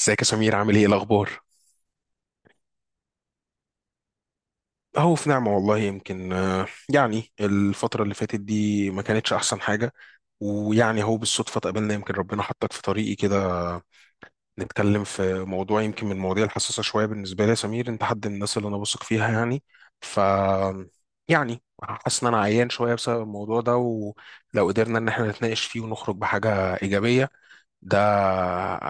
ازيك يا سمير؟ عامل ايه الاخبار؟ اهو في نعمه والله. يمكن يعني الفتره اللي فاتت دي ما كانتش احسن حاجه. ويعني اهو بالصدفه اتقابلنا، يمكن ربنا حطك في طريقي كده. نتكلم في موضوع يمكن من المواضيع الحساسه شويه بالنسبه لي. يا سمير، انت حد من الناس اللي انا بثق فيها يعني. ف يعني حاسس ان انا عيان شويه بسبب الموضوع ده، ولو قدرنا ان احنا نتناقش فيه ونخرج بحاجه ايجابيه، ده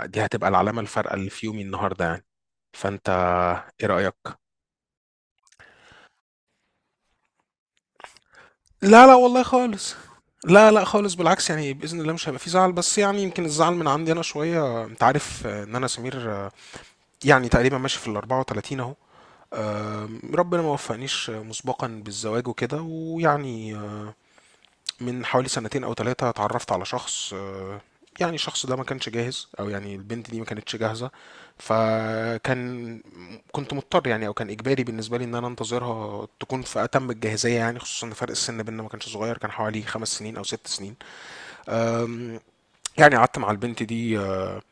دي هتبقى العلامه الفارقه اللي في يومي النهارده يعني. فانت ايه رايك؟ لا لا والله خالص. لا لا خالص بالعكس. يعني بإذن الله مش هيبقى في زعل، بس يعني يمكن الزعل من عندي أنا شوية. أنت عارف إن أنا سمير يعني تقريبا ماشي في ال 34 أهو. ربنا ما وفقنيش مسبقا بالزواج وكده، ويعني من حوالي سنتين او ثلاثة اتعرفت على شخص يعني الشخص ده ما كانش جاهز، او يعني البنت دي ما كانتش جاهزة. فكان كنت مضطر يعني، او كان اجباري بالنسبة لي ان انا انتظرها تكون في اتم الجاهزية، يعني خصوصا ان فرق السن بيننا ما كانش صغير، كان حوالي 5 سنين او 6 سنين. آم، يعني قعدت مع البنت دي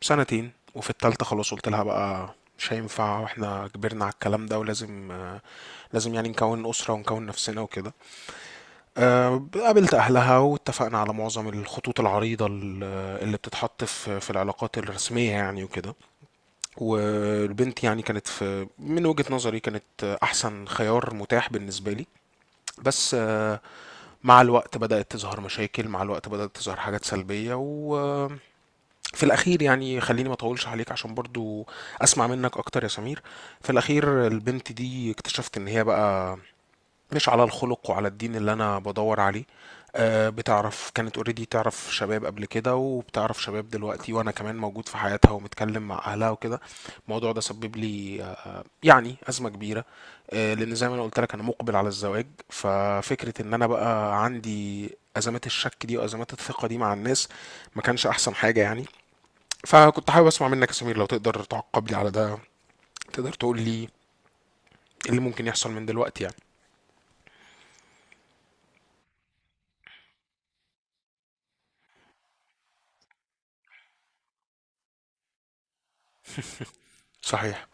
سنتين، وفي التالتة خلاص قلت لها بقى مش هينفع، واحنا كبرنا على الكلام ده، ولازم آه، لازم يعني نكون أسرة ونكون نفسنا وكده. قابلت أهلها واتفقنا على معظم الخطوط العريضة اللي بتتحط في العلاقات الرسمية يعني وكده. والبنت يعني كانت في، من وجهة نظري كانت أحسن خيار متاح بالنسبة لي. بس مع الوقت بدأت تظهر مشاكل، مع الوقت بدأت تظهر حاجات سلبية، وفي الأخير يعني خليني ما أطولش عليك عشان برضو أسمع منك أكتر يا سمير. في الأخير البنت دي اكتشفت إن هي بقى مش على الخلق وعلى الدين اللي انا بدور عليه. بتعرف كانت اوريدي، تعرف شباب قبل كده وبتعرف شباب دلوقتي وانا كمان موجود في حياتها ومتكلم مع اهلها وكده. الموضوع ده سبب لي يعني ازمه كبيره لان زي ما انا قلت لك انا مقبل على الزواج، ففكره ان انا بقى عندي ازمات الشك دي وازمات الثقه دي مع الناس، ما كانش احسن حاجه يعني. فكنت حابب اسمع منك يا سمير لو تقدر تعقب لي على ده. تقدر تقول لي ايه اللي ممكن يحصل من دلوقتي يعني؟ صحيح.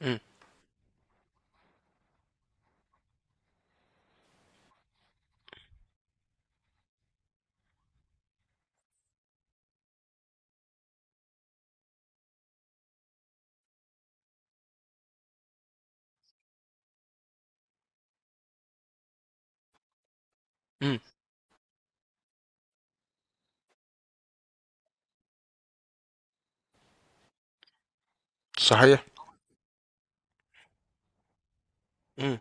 امم. امم. صحيح. إمم.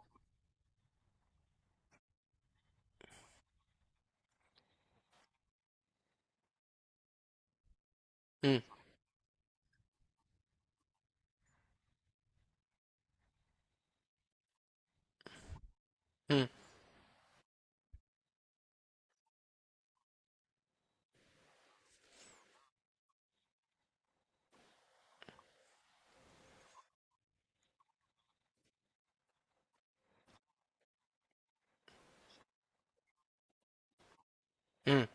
إمم. إمم. إمم.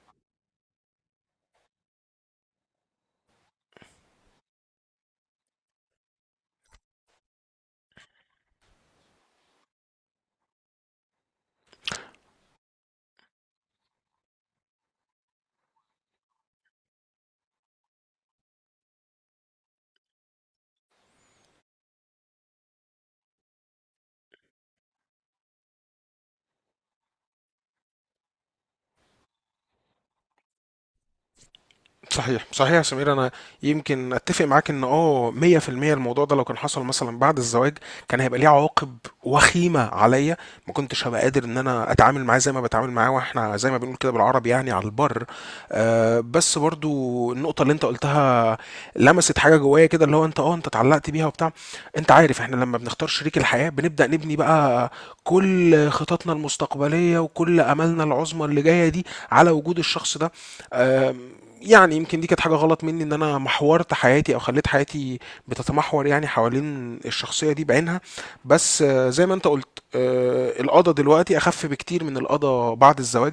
صحيح صحيح يا سمير. انا يمكن اتفق معاك ان 100% الموضوع ده لو كان حصل مثلا بعد الزواج كان هيبقى ليه عواقب وخيمه عليا. ما كنتش هبقى قادر ان انا اتعامل معاه زي ما بتعامل معاه واحنا، زي ما بنقول كده بالعربي، يعني على البر. آه بس برضو النقطه اللي انت قلتها لمست حاجه جوايا كده، اللي هو انت اتعلقت بيها وبتاع. انت عارف احنا لما بنختار شريك الحياه بنبدا نبني بقى كل خططنا المستقبليه وكل املنا العظمى اللي جايه دي على وجود الشخص ده. آه يعني يمكن دي كانت حاجة غلط مني، إن أنا محورت حياتي، أو خليت حياتي بتتمحور يعني حوالين الشخصية دي بعينها. بس زي ما أنت قلت القضا دلوقتي أخف بكتير من القضا بعد الزواج.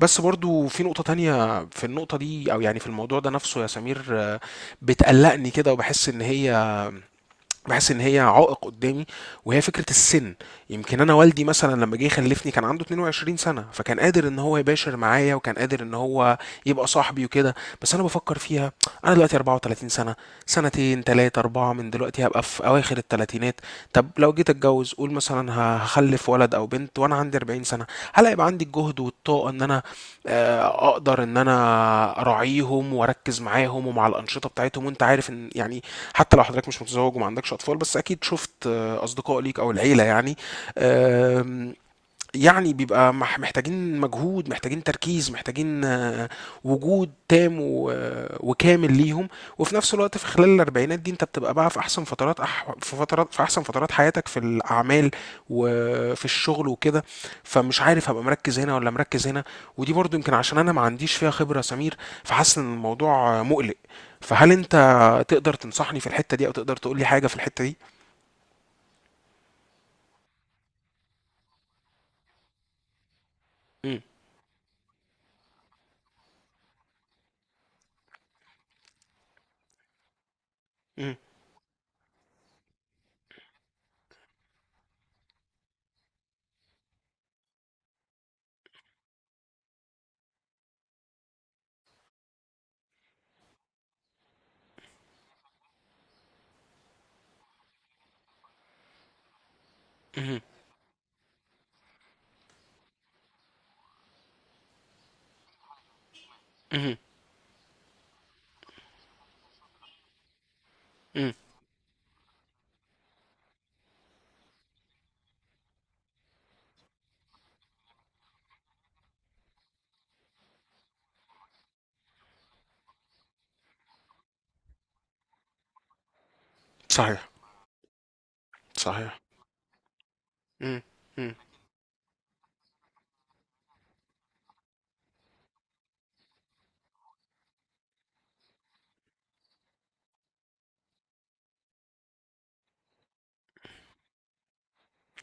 بس برضو في نقطة تانية، في النقطة دي أو يعني في الموضوع ده نفسه يا سمير بتقلقني كده وبحس إن هي بحس ان هي عائق قدامي، وهي فكره السن. يمكن انا والدي مثلا لما جه يخلفني كان عنده 22 سنه، فكان قادر ان هو يباشر معايا، وكان قادر ان هو يبقى صاحبي وكده. بس انا بفكر فيها، انا دلوقتي 34 سنه، سنتين تلاتة أربعة من دلوقتي هبقى في أواخر التلاتينات. طب لو جيت أتجوز، قول مثلا هخلف ولد أو بنت وأنا عندي 40 سنة، هل هيبقى عندي الجهد والطاقة إن أنا اقدر ان انا اراعيهم واركز معاهم ومع الانشطه بتاعتهم؟ وانت عارف ان يعني حتى لو حضرتك مش متزوج وما عندكش اطفال، بس اكيد شفت اصدقاء ليك او العيله يعني. آم، يعني بيبقى محتاجين مجهود، محتاجين تركيز، محتاجين وجود تام وكامل ليهم. وفي نفس الوقت في خلال الاربعينات دي انت بتبقى بقى في احسن فترات أح... في فترات في احسن فترات حياتك في الاعمال وفي الشغل وكده. فمش عارف هبقى مركز هنا ولا مركز هنا. ودي برضو يمكن عشان انا ما عنديش فيها خبرة يا سمير. فحاسس ان الموضوع مقلق. فهل انت تقدر تنصحني في الحتة دي او تقدر تقول لي حاجة في الحتة دي؟ مم. مم. مم. مم. مم. صحيح صحيح. إمم. إمم.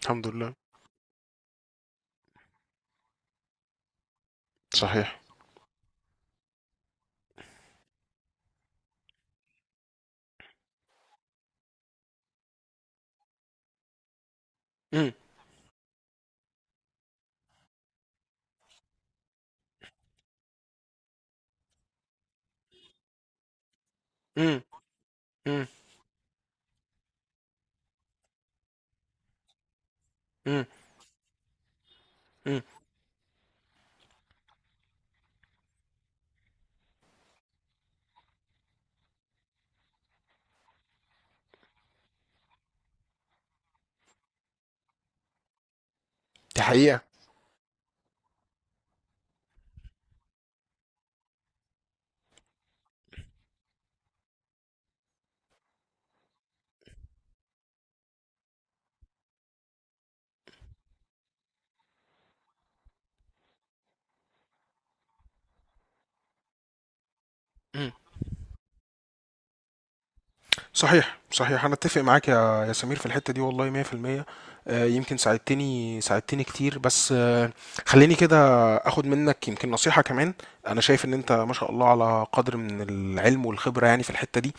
الحمد لله. صحيح. إمم. إمم. إمم. إمم. إمم. دي حقيقة. إمم. صحيح، صحيح، أنا أتّفق معاك يا يا سمير في الحتّة دي والله 100%. يمكن ساعدتني كتير، بس خلّيني كده آخُد منّك يمكن نصيحة كمان. أنا شايف إن أنت ما شاء الله على قدْر من العلم والخبرة يعني في الحتّة دي.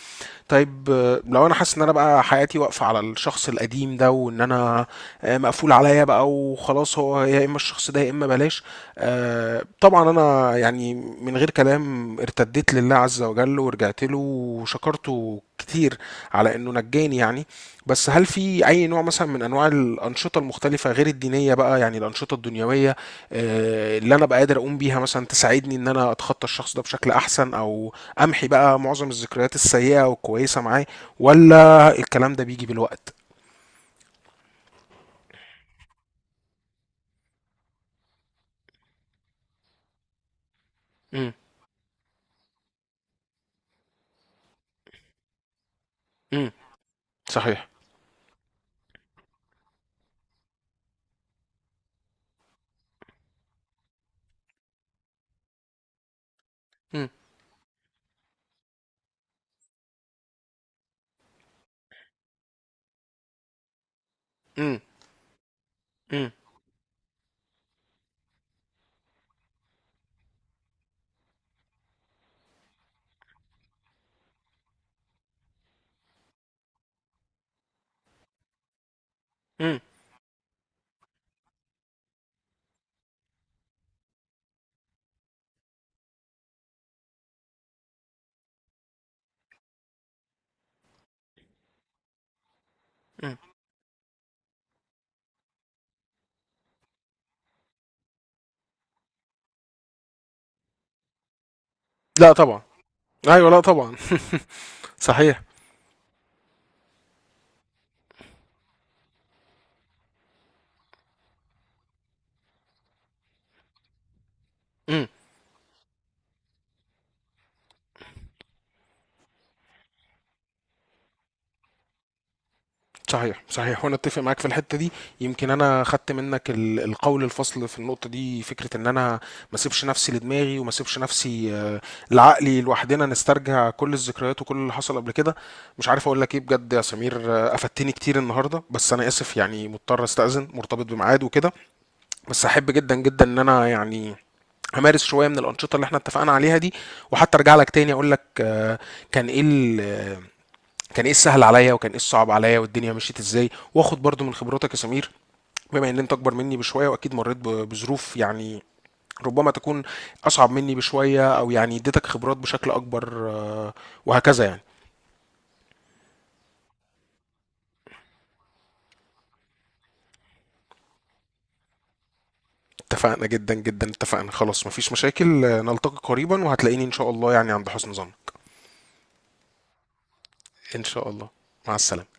طيب لو انا حاسس ان انا بقى حياتي واقفه على الشخص القديم ده، وان انا مقفول عليا بقى وخلاص، هو يا اما الشخص ده يا اما بلاش. طبعا انا يعني من غير كلام ارتديت لله عز وجل ورجعت له وشكرته كتير على انه نجاني يعني. بس هل في اي نوع مثلا من انواع الانشطه المختلفه غير الدينيه، بقى يعني الانشطه الدنيويه اللي انا بقى قادر اقوم بيها مثلا تساعدني ان انا اتخطى الشخص ده بشكل احسن، او امحي بقى معظم الذكريات السيئة والكويسة معاه؟ ولا الكلام ده بيجي بالوقت؟ امم. امم. صحيح. امم. امم. امم. امم. لا طبعا. ايوه لا طبعا. صحيح. امم. صحيح صحيح وانا اتفق معاك في الحته دي. يمكن انا خدت منك القول الفصل في النقطه دي، فكره ان انا ما اسيبش نفسي لدماغي، وما اسيبش نفسي لعقلي لوحدنا نسترجع كل الذكريات وكل اللي حصل قبل كده. مش عارف اقول لك ايه بجد يا سمير افدتني كتير النهارده. بس انا اسف يعني، مضطر استاذن، مرتبط بميعاد وكده. بس احب جدا جدا ان انا يعني همارس شويه من الانشطه اللي احنا اتفقنا عليها دي. وحتى ارجع لك تاني اقول لك كان ايه ال- كان ايه السهل عليا، وكان ايه الصعب عليا، والدنيا مشيت ازاي. واخد برضو من خبراتك يا سمير، بما ان انت اكبر مني بشويه، واكيد مريت بظروف يعني ربما تكون اصعب مني بشويه، او يعني اديتك خبرات بشكل اكبر وهكذا يعني. اتفقنا جدا جدا، اتفقنا خلاص مفيش مشاكل نلتقي قريبا، وهتلاقيني ان شاء الله يعني عند حسن ظن. ان شاء الله. مع السلامه.